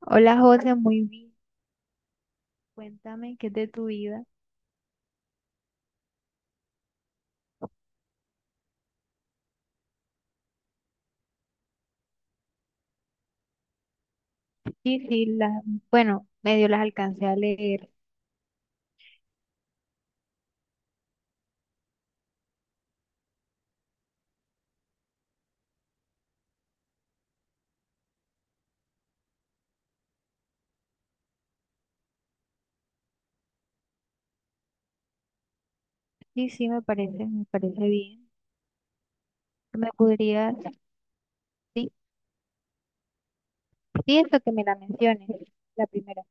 Hola José, muy bien. Cuéntame qué es de tu vida. Sí, sí, bueno, medio las alcancé a leer. Sí, sí, me parece bien. ¿Me podrías, sí, sí, eso que me la menciones, ¿la primera?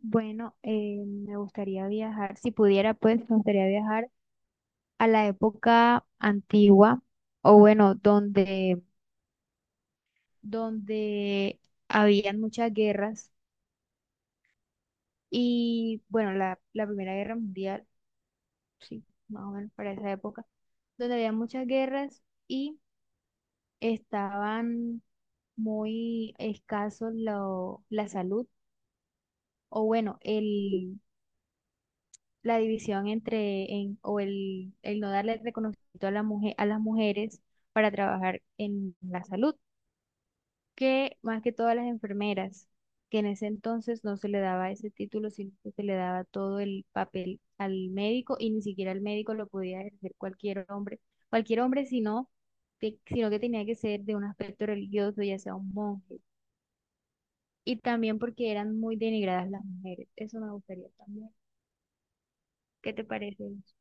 Bueno, me gustaría viajar, si pudiera, pues, me gustaría viajar a la época antigua, o bueno, donde habían muchas guerras y, bueno, la Primera Guerra Mundial, sí, más o menos para esa época donde había muchas guerras y estaban muy escasos la salud, o bueno, la división entre en- o el no darle reconocimiento a la mujer, a las mujeres para trabajar en la salud. Que más que todas las enfermeras, que en ese entonces no se le daba ese título, sino que se le daba todo el papel al médico y ni siquiera el médico lo podía ejercer cualquier hombre, sino que tenía que ser de un aspecto religioso, ya sea un monje. Y también porque eran muy denigradas las mujeres. Eso me gustaría también. ¿Qué te parece eso?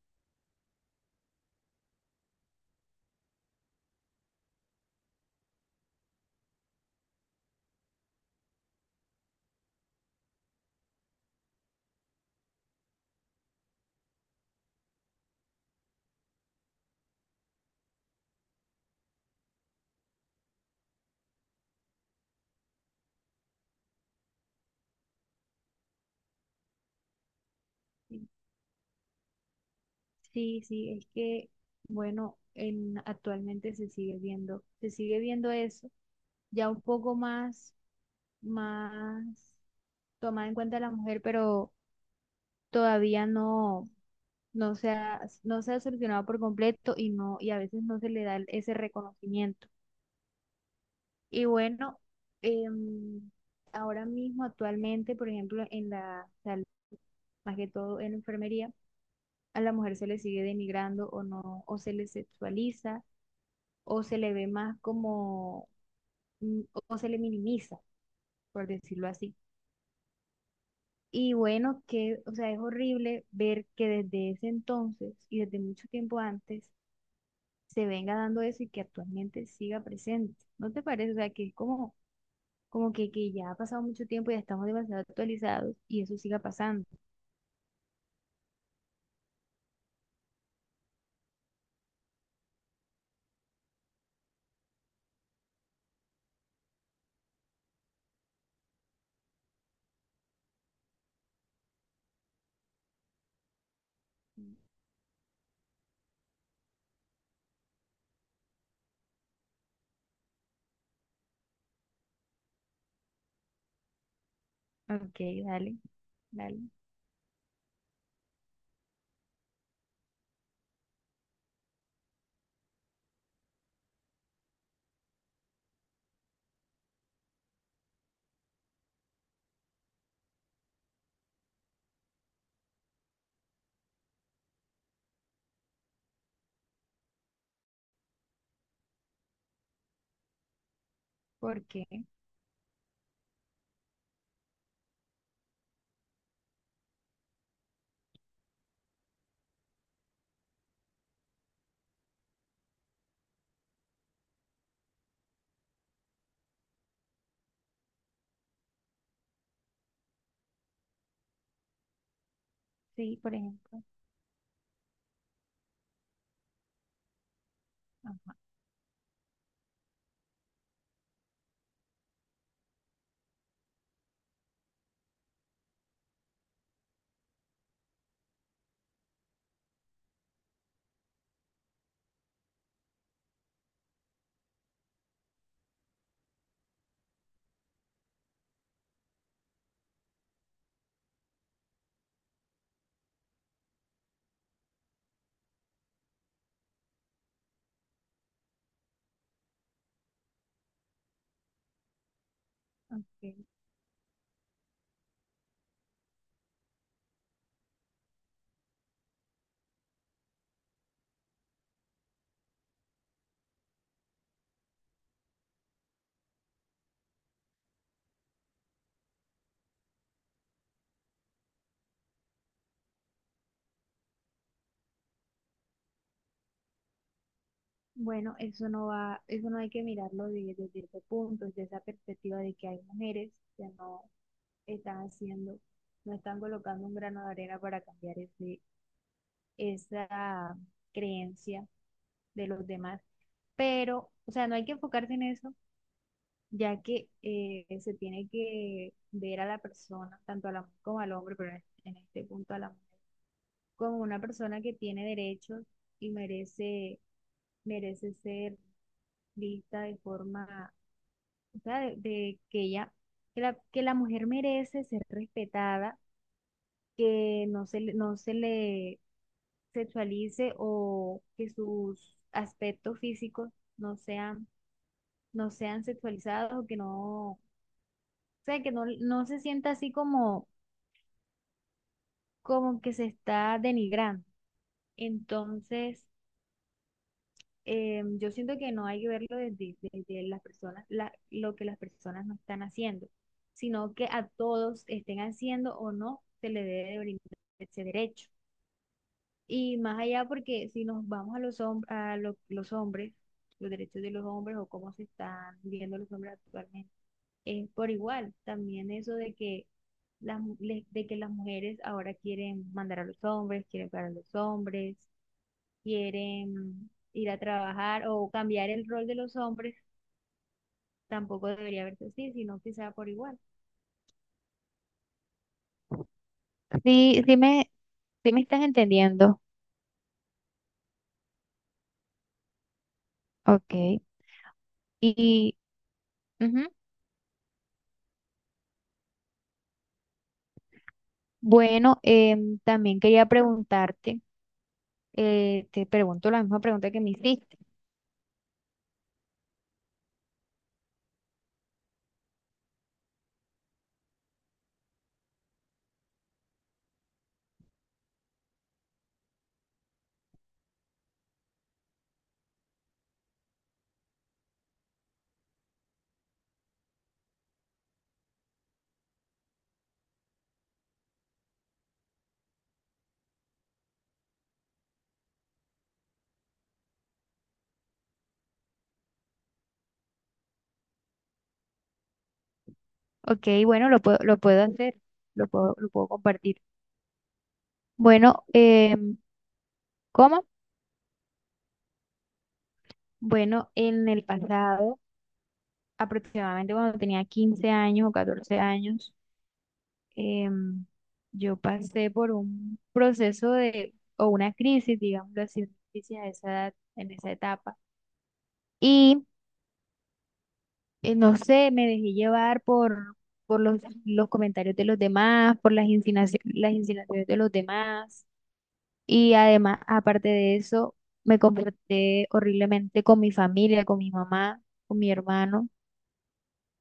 Sí, sí, sí, es que, bueno, en, actualmente se sigue viendo eso, ya un poco más, más tomada en cuenta la mujer, pero todavía no, no se ha solucionado por completo y no, y a veces no se le da ese reconocimiento. Y bueno, em, ahora mismo, actualmente, por ejemplo, en la salud, más que todo en la enfermería, a la mujer se le sigue denigrando o no, o se le sexualiza, o se le ve más como, mm, o se le minimiza, por decirlo así. Y bueno, que, o sea, es horrible ver que desde ese entonces y desde mucho tiempo antes se venga dando eso y que actualmente siga presente. ¿No te parece? O sea, que es como, que ya ha pasado mucho tiempo y ya estamos demasiado actualizados y eso siga pasando. Ok, dale, dale. ¿Por qué? Sí, por ejemplo. Ajá, ok. Bueno, eso no va, eso no hay que mirarlo desde ese punto, desde esa perspectiva de que hay mujeres que no están haciendo, no están colocando un grano de arena para cambiar esa creencia de los demás. Pero, o sea, no hay que enfocarse en eso, ya que se tiene que ver a la persona, tanto a la mujer como al hombre, pero en este punto a la mujer, como una persona que tiene derechos y merece, merece ser vista de forma, o sea, de que ella, que la mujer merece ser respetada, que no se le, no se le sexualice o que sus aspectos físicos no sean, no sean sexualizados o que no, o sea, que no, no se sienta así como, como que se está denigrando. Entonces, yo siento que no hay que verlo desde, desde las personas, lo que las personas no están haciendo, sino que a todos estén haciendo o no, se le debe de brindar ese derecho. Y más allá, porque si nos vamos a los, los hombres, los derechos de los hombres o cómo se están viviendo los hombres actualmente, es por igual. También eso de que de que las mujeres ahora quieren mandar a los hombres, quieren pagar a los hombres, quieren ir a trabajar o cambiar el rol de los hombres, tampoco debería verse así, sino que sea por igual. Sí, sí me, sí, me estás entendiendo. Ok. Y ujú. Bueno, también quería preguntarte. Eh, te pregunto la misma pregunta que me hiciste. Ok, bueno, lo puedo hacer, lo puedo compartir. Bueno, ¿cómo? Bueno, en el pasado, aproximadamente cuando tenía 15 años o 14 años, em, yo pasé por un proceso de, o una crisis, digámoslo así, una crisis a esa edad, en esa etapa. Y no sé, me dejé llevar por los comentarios de los demás, las insinuaciones de los demás. Y además, aparte de eso, me comporté horriblemente con mi familia, con mi mamá, con mi hermano,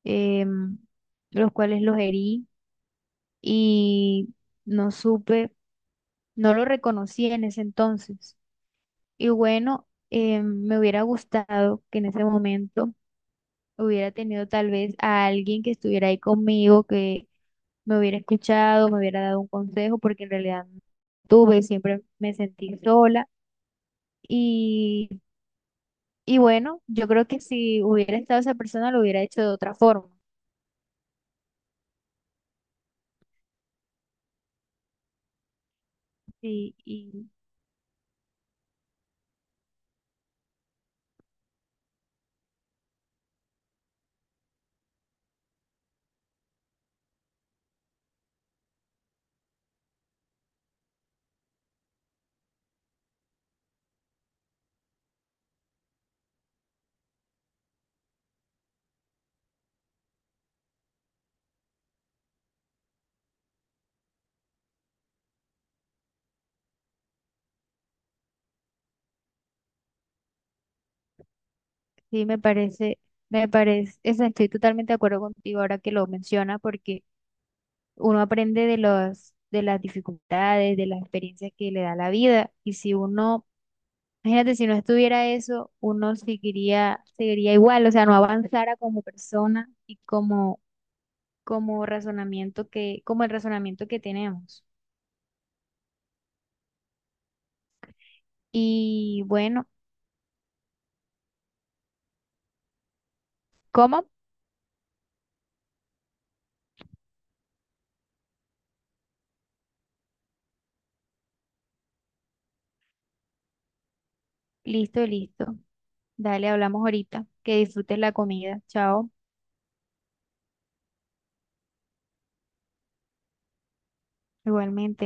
em, los cuales los herí y no supe, no lo reconocí en ese entonces. Y bueno, me hubiera gustado que en ese momento hubiera tenido tal vez a alguien que estuviera ahí conmigo, que me hubiera escuchado, me hubiera dado un consejo, porque en realidad no tuve, siempre me sentí sola. Y Y bueno, yo creo que si hubiera estado esa persona lo hubiera hecho de otra forma. Y sí, me parece, estoy totalmente de acuerdo contigo ahora que lo menciona, porque uno aprende de los, de las dificultades, de las experiencias que le da la vida. Y si uno, imagínate, si no estuviera eso, uno seguiría, seguiría igual, o sea, no avanzara como persona y como, como el razonamiento que tenemos. Y bueno, ¿cómo? Listo, listo. Dale, hablamos ahorita. Que disfrutes la comida. Chao. Igualmente.